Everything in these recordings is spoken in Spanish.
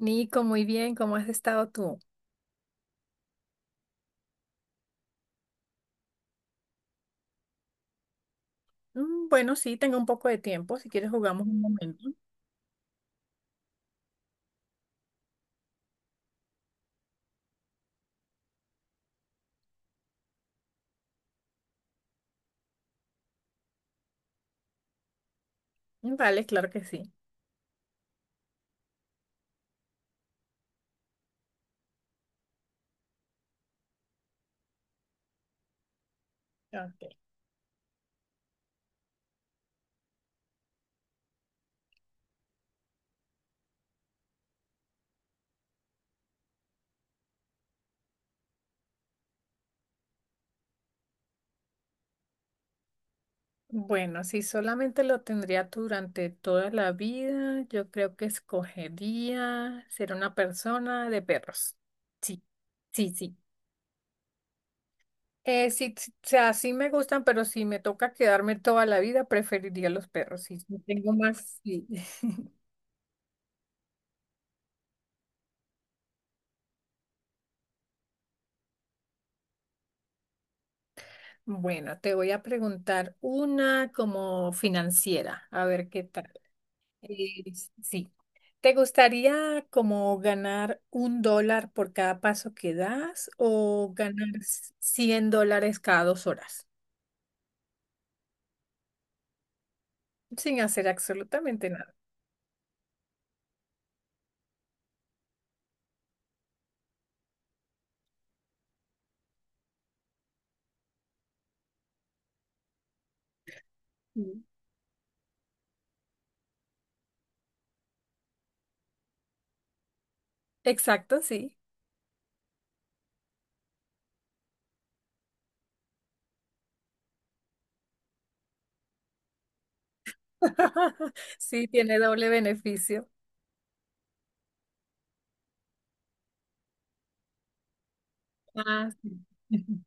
Nico, muy bien, ¿cómo has estado tú? Bueno, sí, tengo un poco de tiempo, si quieres jugamos un momento. Vale, claro que sí. Ok. Bueno, si solamente lo tendría tú durante toda la vida, yo creo que escogería ser una persona de perros. Sí, sí, sí. Sí, sí, o sea, sí me gustan, pero si me toca quedarme toda la vida, preferiría los perros. Sí, sí tengo más. Sí. Bueno, te voy a preguntar una como financiera, a ver qué tal. Eh, sí. ¿Te gustaría como ganar $1 por cada paso que das o ganar $100 cada 2 horas sin hacer absolutamente nada? Mm. Exacto, sí. Sí, tiene doble beneficio. Ah, sí.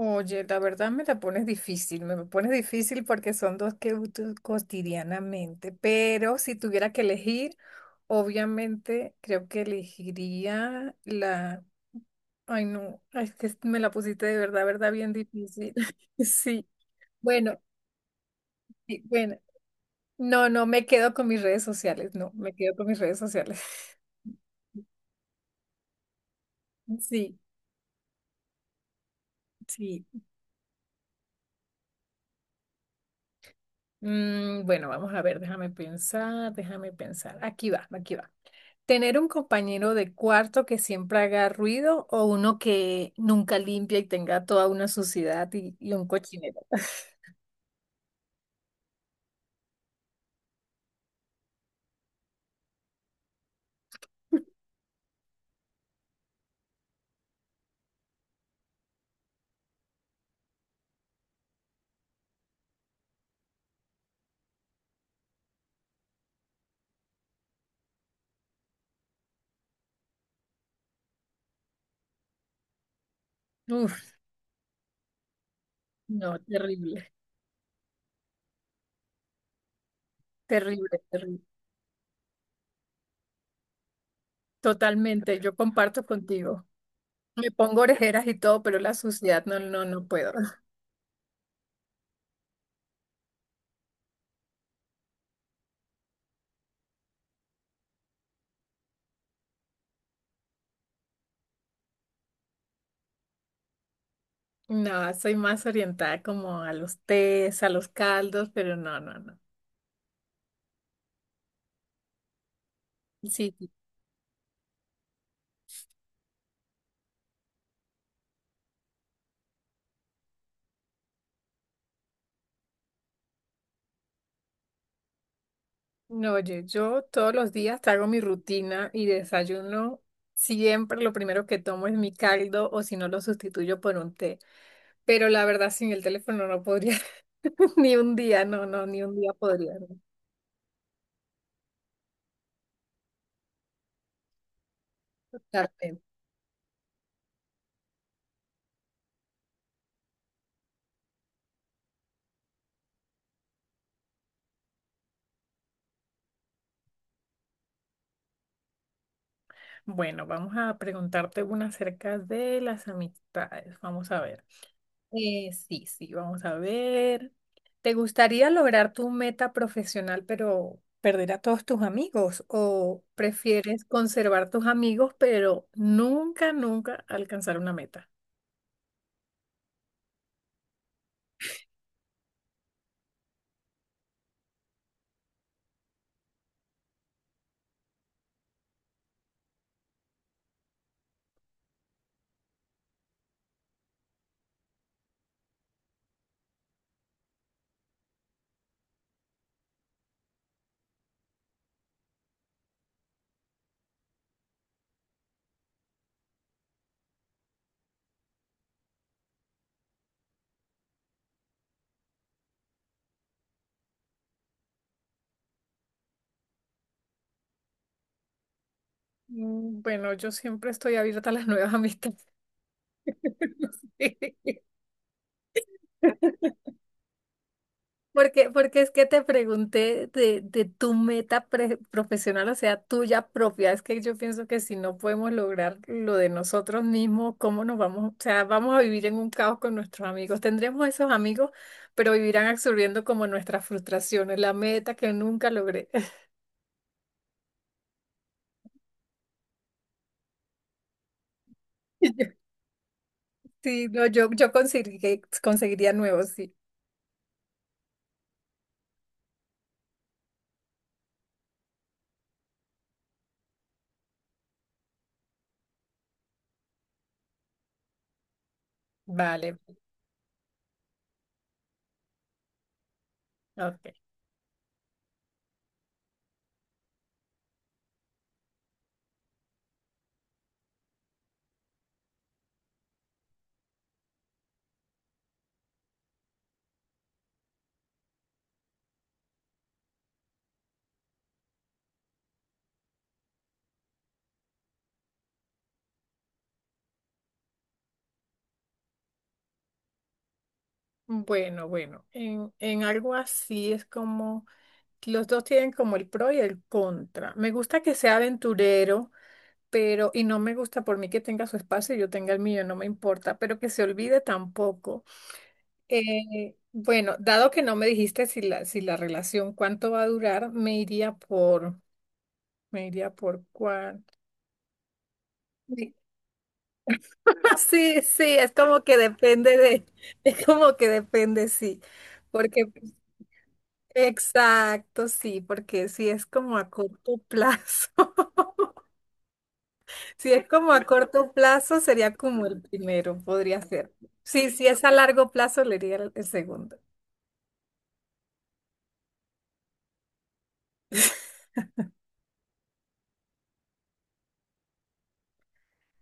Oye, la verdad me la pones difícil, me pones difícil porque son dos que uso cotidianamente, pero si tuviera que elegir, obviamente creo que elegiría la. Ay, no, ay, es que me la pusiste de verdad, verdad, bien difícil. Sí, bueno, sí, bueno, no, no, me quedo con mis redes sociales, no, me quedo con mis redes sociales. Sí, sí. Bueno, vamos a ver, déjame pensar, déjame pensar. Aquí va, aquí va. ¿Tener un compañero de cuarto que siempre haga ruido o uno que nunca limpia y tenga toda una suciedad y un cochinero? Uf, no, terrible, terrible, terrible. Totalmente, yo comparto contigo. Me pongo orejeras y todo, pero la suciedad no, no, no puedo. No, soy más orientada como a los tés, a los caldos, pero no, no, no. Sí, sí. No, oye, yo todos los días hago mi rutina y desayuno. Siempre lo primero que tomo es mi caldo o si no lo sustituyo por un té. Pero la verdad, sin el teléfono no podría, ni un día, no, no, ni un día podría. ¿No? Totalmente. Bueno, vamos a preguntarte una acerca de las amistades. Vamos a ver. Sí, sí, vamos a ver. ¿Te gustaría lograr tu meta profesional pero perder a todos tus amigos? ¿O prefieres conservar tus amigos pero nunca, nunca alcanzar una meta? Bueno, yo siempre estoy abierta a las nuevas amistades. Sí. Porque, porque es que te pregunté de tu meta profesional, o sea, tuya propia. Es que yo pienso que si no podemos lograr lo de nosotros mismos, ¿cómo nos vamos? O sea, vamos a vivir en un caos con nuestros amigos. Tendremos esos amigos, pero vivirán absorbiendo como nuestras frustraciones, la meta que nunca logré. Yo- Sí, no, yo conseguiría, conseguiría nuevos, sí. Vale, ok. Bueno, bueno, en algo así es como... Los dos tienen como el pro y el contra. Me gusta que sea aventurero, pero, y no me gusta por mí que tenga su espacio y yo tenga el mío, no me importa, pero que se olvide tampoco. Bueno, dado que no me dijiste si si la relación cuánto va a durar, me iría por cuál. Sí, sí, sí, es como que depende de, es como que depende, sí. Porque, exacto, sí, porque sí es como a corto plazo. Si es como a corto plazo, sería como el primero, podría ser. Sí, si es a largo plazo, le diría el segundo.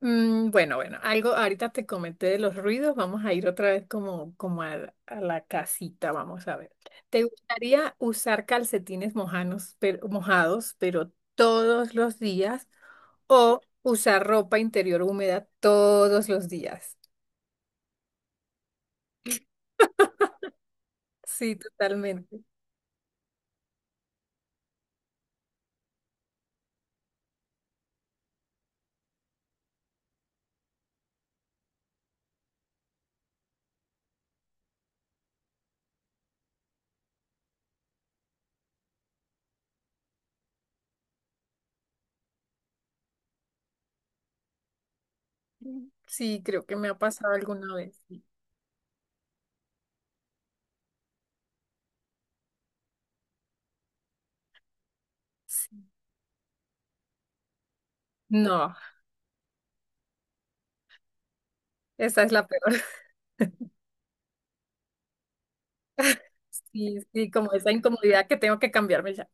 Bueno, bueno, algo ahorita te comenté de los ruidos, vamos a ir otra vez como, como a la casita, vamos a ver. ¿Te gustaría usar calcetines mojanos, pero, mojados, pero todos los días o usar ropa interior húmeda todos los días? Sí, totalmente. Sí, creo que me ha pasado alguna vez. Sí. Sí. No. Esa es la peor. Sí, sí, como esa incomodidad que tengo que cambiarme ya.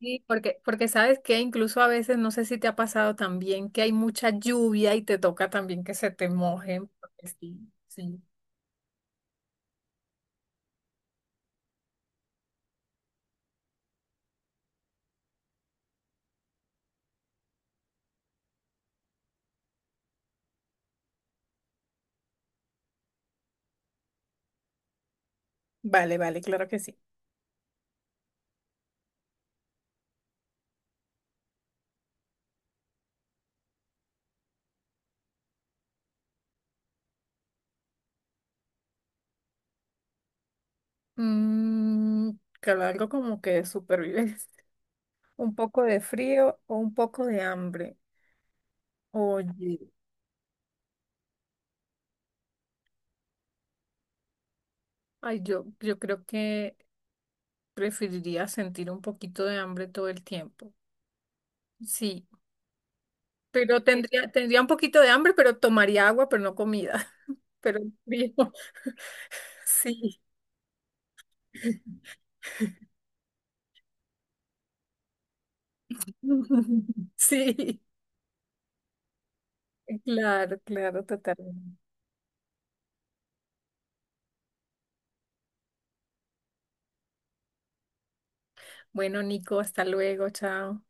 Sí, porque, porque sabes que incluso a veces, no sé si te ha pasado también, que hay mucha lluvia y te toca también que se te mojen. Porque sí, sí. Vale, vale, claro que sí. Mm, claro, algo como que de supervivencia. Un poco de frío o un poco de hambre. Oye, ay, yo creo que preferiría sentir un poquito de hambre todo el tiempo. Sí. Pero tendría, tendría un poquito de hambre, pero tomaría agua, pero no comida. Pero frío, sí. Sí, claro, claro, totalmente. Bueno, Nico, hasta luego, chao.